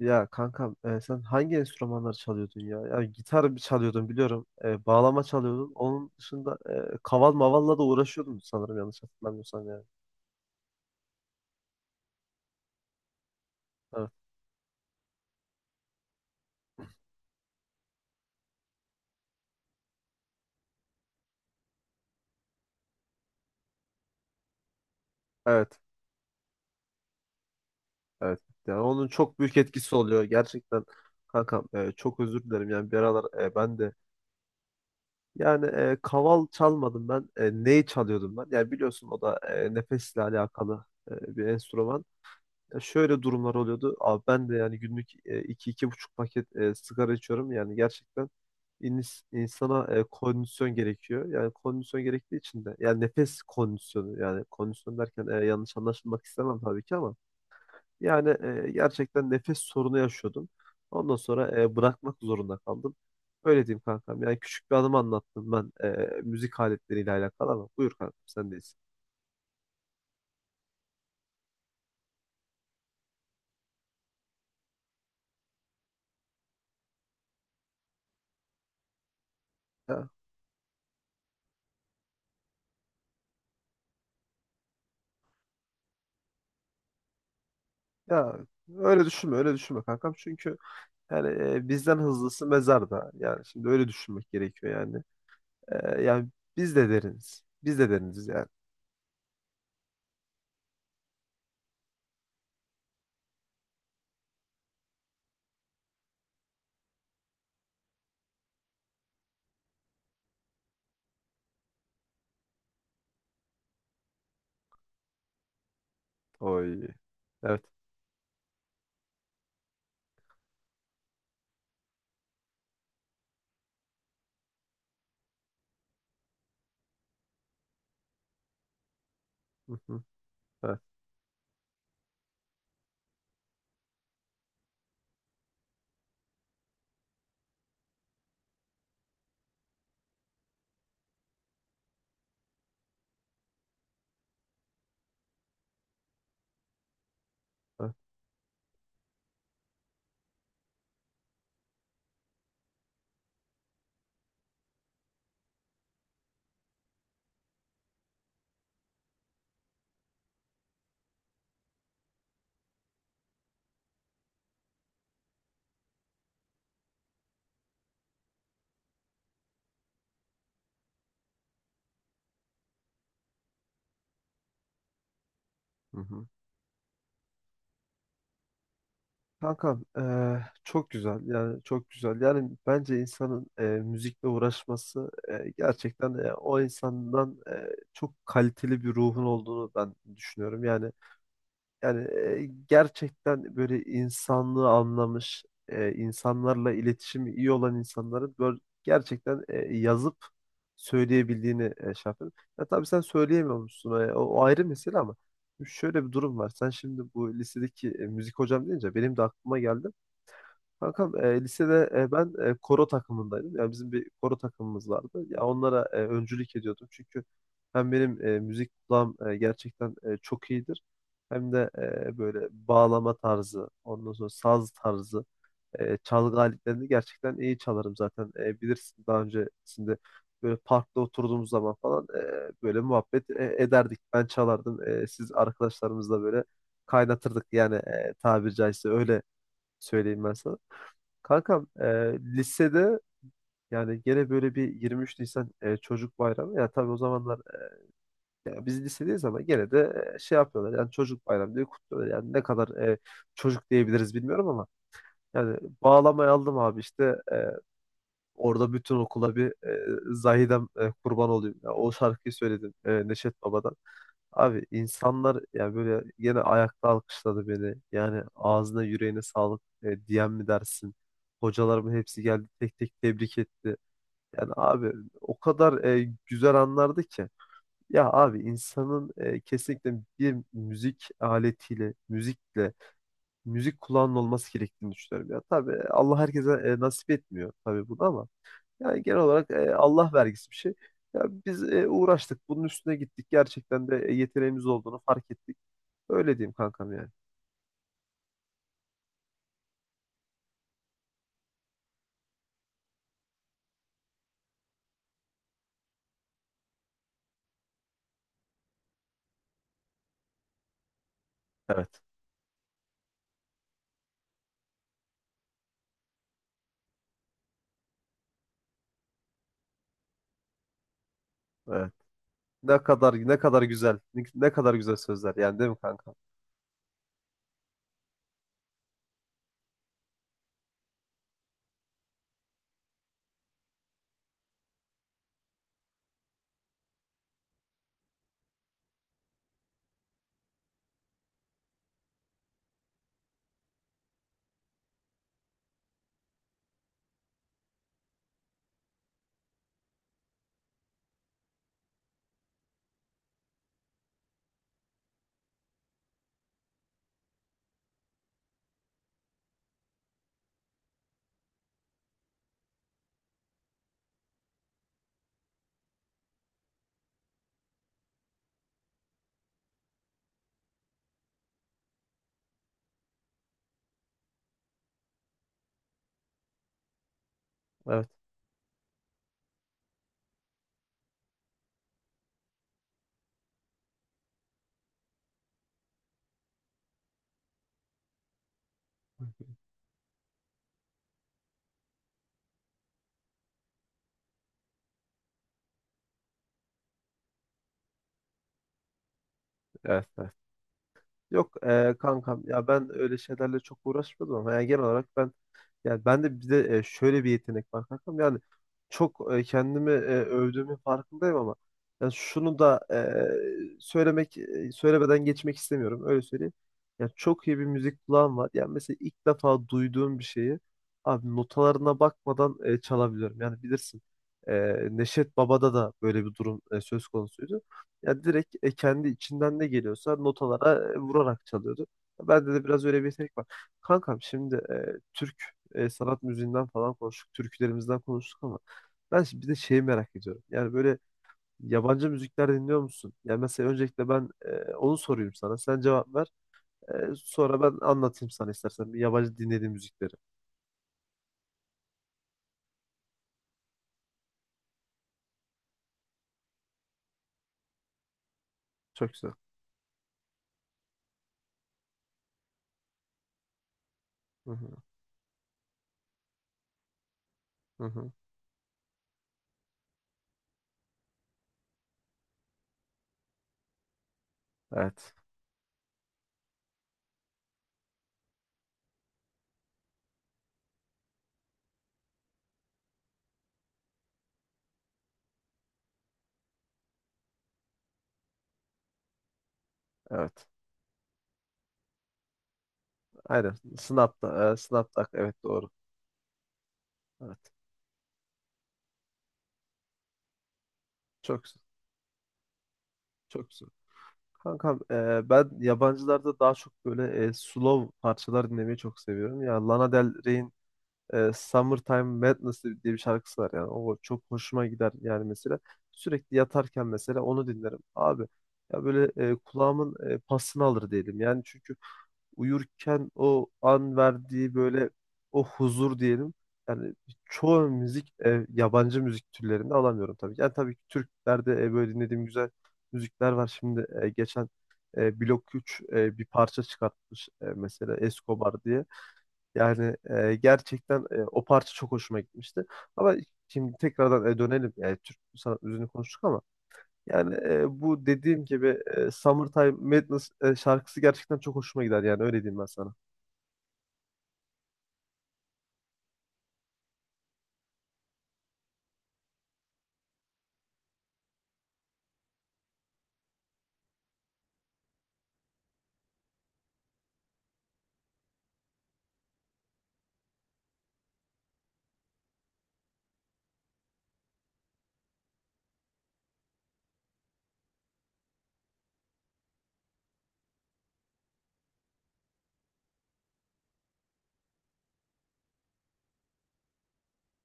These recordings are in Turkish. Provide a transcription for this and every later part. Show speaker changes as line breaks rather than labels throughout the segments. Ya kankam sen hangi enstrümanları çalıyordun ya? Ya gitar bir çalıyordun biliyorum. Bağlama çalıyordun. Onun dışında kaval mavalla da uğraşıyordun sanırım yanlış hatırlamıyorsam yani. Evet. Evet. Evet. Yani onun çok büyük etkisi oluyor. Gerçekten kankam çok özür dilerim. Yani bir aralar ben de yani kaval çalmadım ben. E, neyi çalıyordum ben? Yani biliyorsun o da nefesle alakalı bir enstrüman. Ya şöyle durumlar oluyordu. Abi ben de yani günlük iki iki buçuk paket sigara içiyorum. Yani gerçekten insana kondisyon gerekiyor. Yani kondisyon gerektiği için de yani nefes kondisyonu yani kondisyon derken yanlış anlaşılmak istemem tabii ki ama yani gerçekten nefes sorunu yaşıyordum. Ondan sonra bırakmak zorunda kaldım. Öyle diyeyim kankam. Yani küçük bir anımı anlattım ben müzik aletleriyle alakalı ama buyur kankam sendeyiz. Ya, ya öyle düşünme öyle düşünme kankam çünkü yani bizden hızlısı mezarda. Yani şimdi öyle düşünmek gerekiyor yani. E, yani biz de deriniz. Biz de deriniz yani. Oy. Evet. Hı hı. Evet. Evet. Hı hı. Kankam çok güzel yani çok güzel yani bence insanın müzikle uğraşması gerçekten o insandan çok kaliteli bir ruhun olduğunu ben düşünüyorum yani. Yani gerçekten böyle insanlığı anlamış, insanlarla iletişimi iyi olan insanların böyle gerçekten yazıp söyleyebildiğini şey yapıyorum. Ya tabii sen söyleyemiyormuşsun. O ayrı mesele ama şöyle bir durum var. Sen şimdi bu lisedeki müzik hocam deyince benim de aklıma geldi. Kankam lisede ben koro takımındaydım. Yani bizim bir koro takımımız vardı. Ya onlara öncülük ediyordum. Çünkü hem benim müzik kulağım gerçekten çok iyidir. Hem de böyle bağlama tarzı, ondan sonra saz tarzı, çalgı aletlerini gerçekten iyi çalarım zaten. E, bilirsin daha öncesinde böyle parkta oturduğumuz zaman falan böyle muhabbet ederdik. Ben çalardım. E, siz arkadaşlarımızla böyle kaynatırdık yani tabiri caizse öyle söyleyeyim ben sana. Kankam lisede yani gene böyle bir 23 Nisan çocuk bayramı. Ya tabii o zamanlar ya biz lisedeyiz ama gene de şey yapıyorlar yani çocuk bayramı diye kutluyorlar. Yani ne kadar çocuk diyebiliriz bilmiyorum ama yani bağlamayı aldım abi işte e, orada bütün okula bir Zahidem kurban olayım. Ya o şarkıyı söyledim Neşet Baba'dan. Abi insanlar ya böyle yine ayakta alkışladı beni. Yani ağzına yüreğine sağlık diyen mi dersin? Hocalarımın hepsi geldi tek tek tebrik etti. Yani abi o kadar güzel anlardı ki. Ya abi insanın kesinlikle bir müzik aletiyle, müzikle, müzik kulağının olması gerektiğini düşünüyorum. Ya tabii Allah herkese nasip etmiyor tabii bunu ama yani genel olarak Allah vergisi bir şey. Ya biz uğraştık, bunun üstüne gittik. Gerçekten de yeteneğimiz olduğunu fark ettik. Öyle diyeyim kankam yani. Evet. Evet. Ne kadar ne kadar güzel. Ne kadar güzel sözler yani değil mi kankam? Evet. Evet. Evet. Yok kankam ya ben öyle şeylerle çok uğraşmadım ama yani genel olarak ben yani ben de bir de şöyle bir yetenek var kankam. Yani çok kendimi övdüğümün farkındayım ama yani şunu da söylemek söylemeden geçmek istemiyorum. Öyle söyleyeyim. Yani çok iyi bir müzik kulağım var. Yani mesela ilk defa duyduğum bir şeyi abi notalarına bakmadan çalabiliyorum. Yani bilirsin. e, Neşet Baba'da da böyle bir durum söz konusuydu. Yani direkt kendi içinden ne geliyorsa notalara vurarak çalıyordu. Bende de biraz öyle bir yetenek var. Kankam şimdi Türk sanat müziğinden falan konuştuk, türkülerimizden konuştuk ama ben şimdi bir de şeyi merak ediyorum. Yani böyle yabancı müzikler dinliyor musun? Yani mesela öncelikle ben onu sorayım sana. Sen cevap ver. E, sonra ben anlatayım sana istersen bir yabancı dinlediğim müzikleri. Çok güzel. Hı hı, hı hı. Evet. Evet. Aynen. Snap'ta. Snap'ta. Evet doğru. Evet. Çok güzel. Çok güzel. Kankam ben yabancılarda daha çok böyle slow parçalar dinlemeyi çok seviyorum. Ya Lana Del Rey'in Summertime Madness diye bir şarkısı var yani. O çok hoşuma gider yani mesela. Sürekli yatarken mesela onu dinlerim. Abi ya böyle kulağımın pasını alır diyelim. Yani çünkü uyurken o an verdiği böyle o huzur diyelim. Yani çoğu müzik yabancı müzik türlerinde alamıyorum tabii ki. Yani tabii ki Türklerde böyle dinlediğim güzel müzikler var. Şimdi geçen Blok 3 bir parça çıkartmış mesela Escobar diye. Yani gerçekten o parça çok hoşuma gitmişti. Ama şimdi tekrardan dönelim. Yani Türk sanat müziğini konuştuk ama yani bu dediğim gibi Summertime Madness şarkısı gerçekten çok hoşuma gider yani öyle diyeyim ben sana.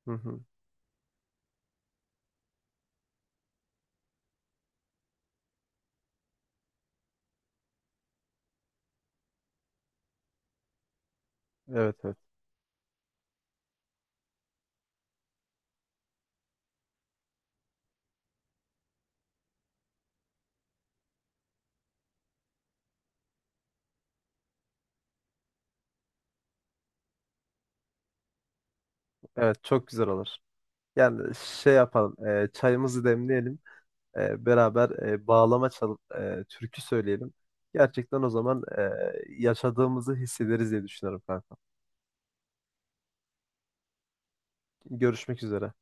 Hı hı. Evet evet. Evet çok güzel olur. Yani şey yapalım. Çayımızı demleyelim. Beraber bağlama çalıp türkü söyleyelim. Gerçekten o zaman yaşadığımızı hissederiz diye düşünüyorum kanka. Görüşmek üzere.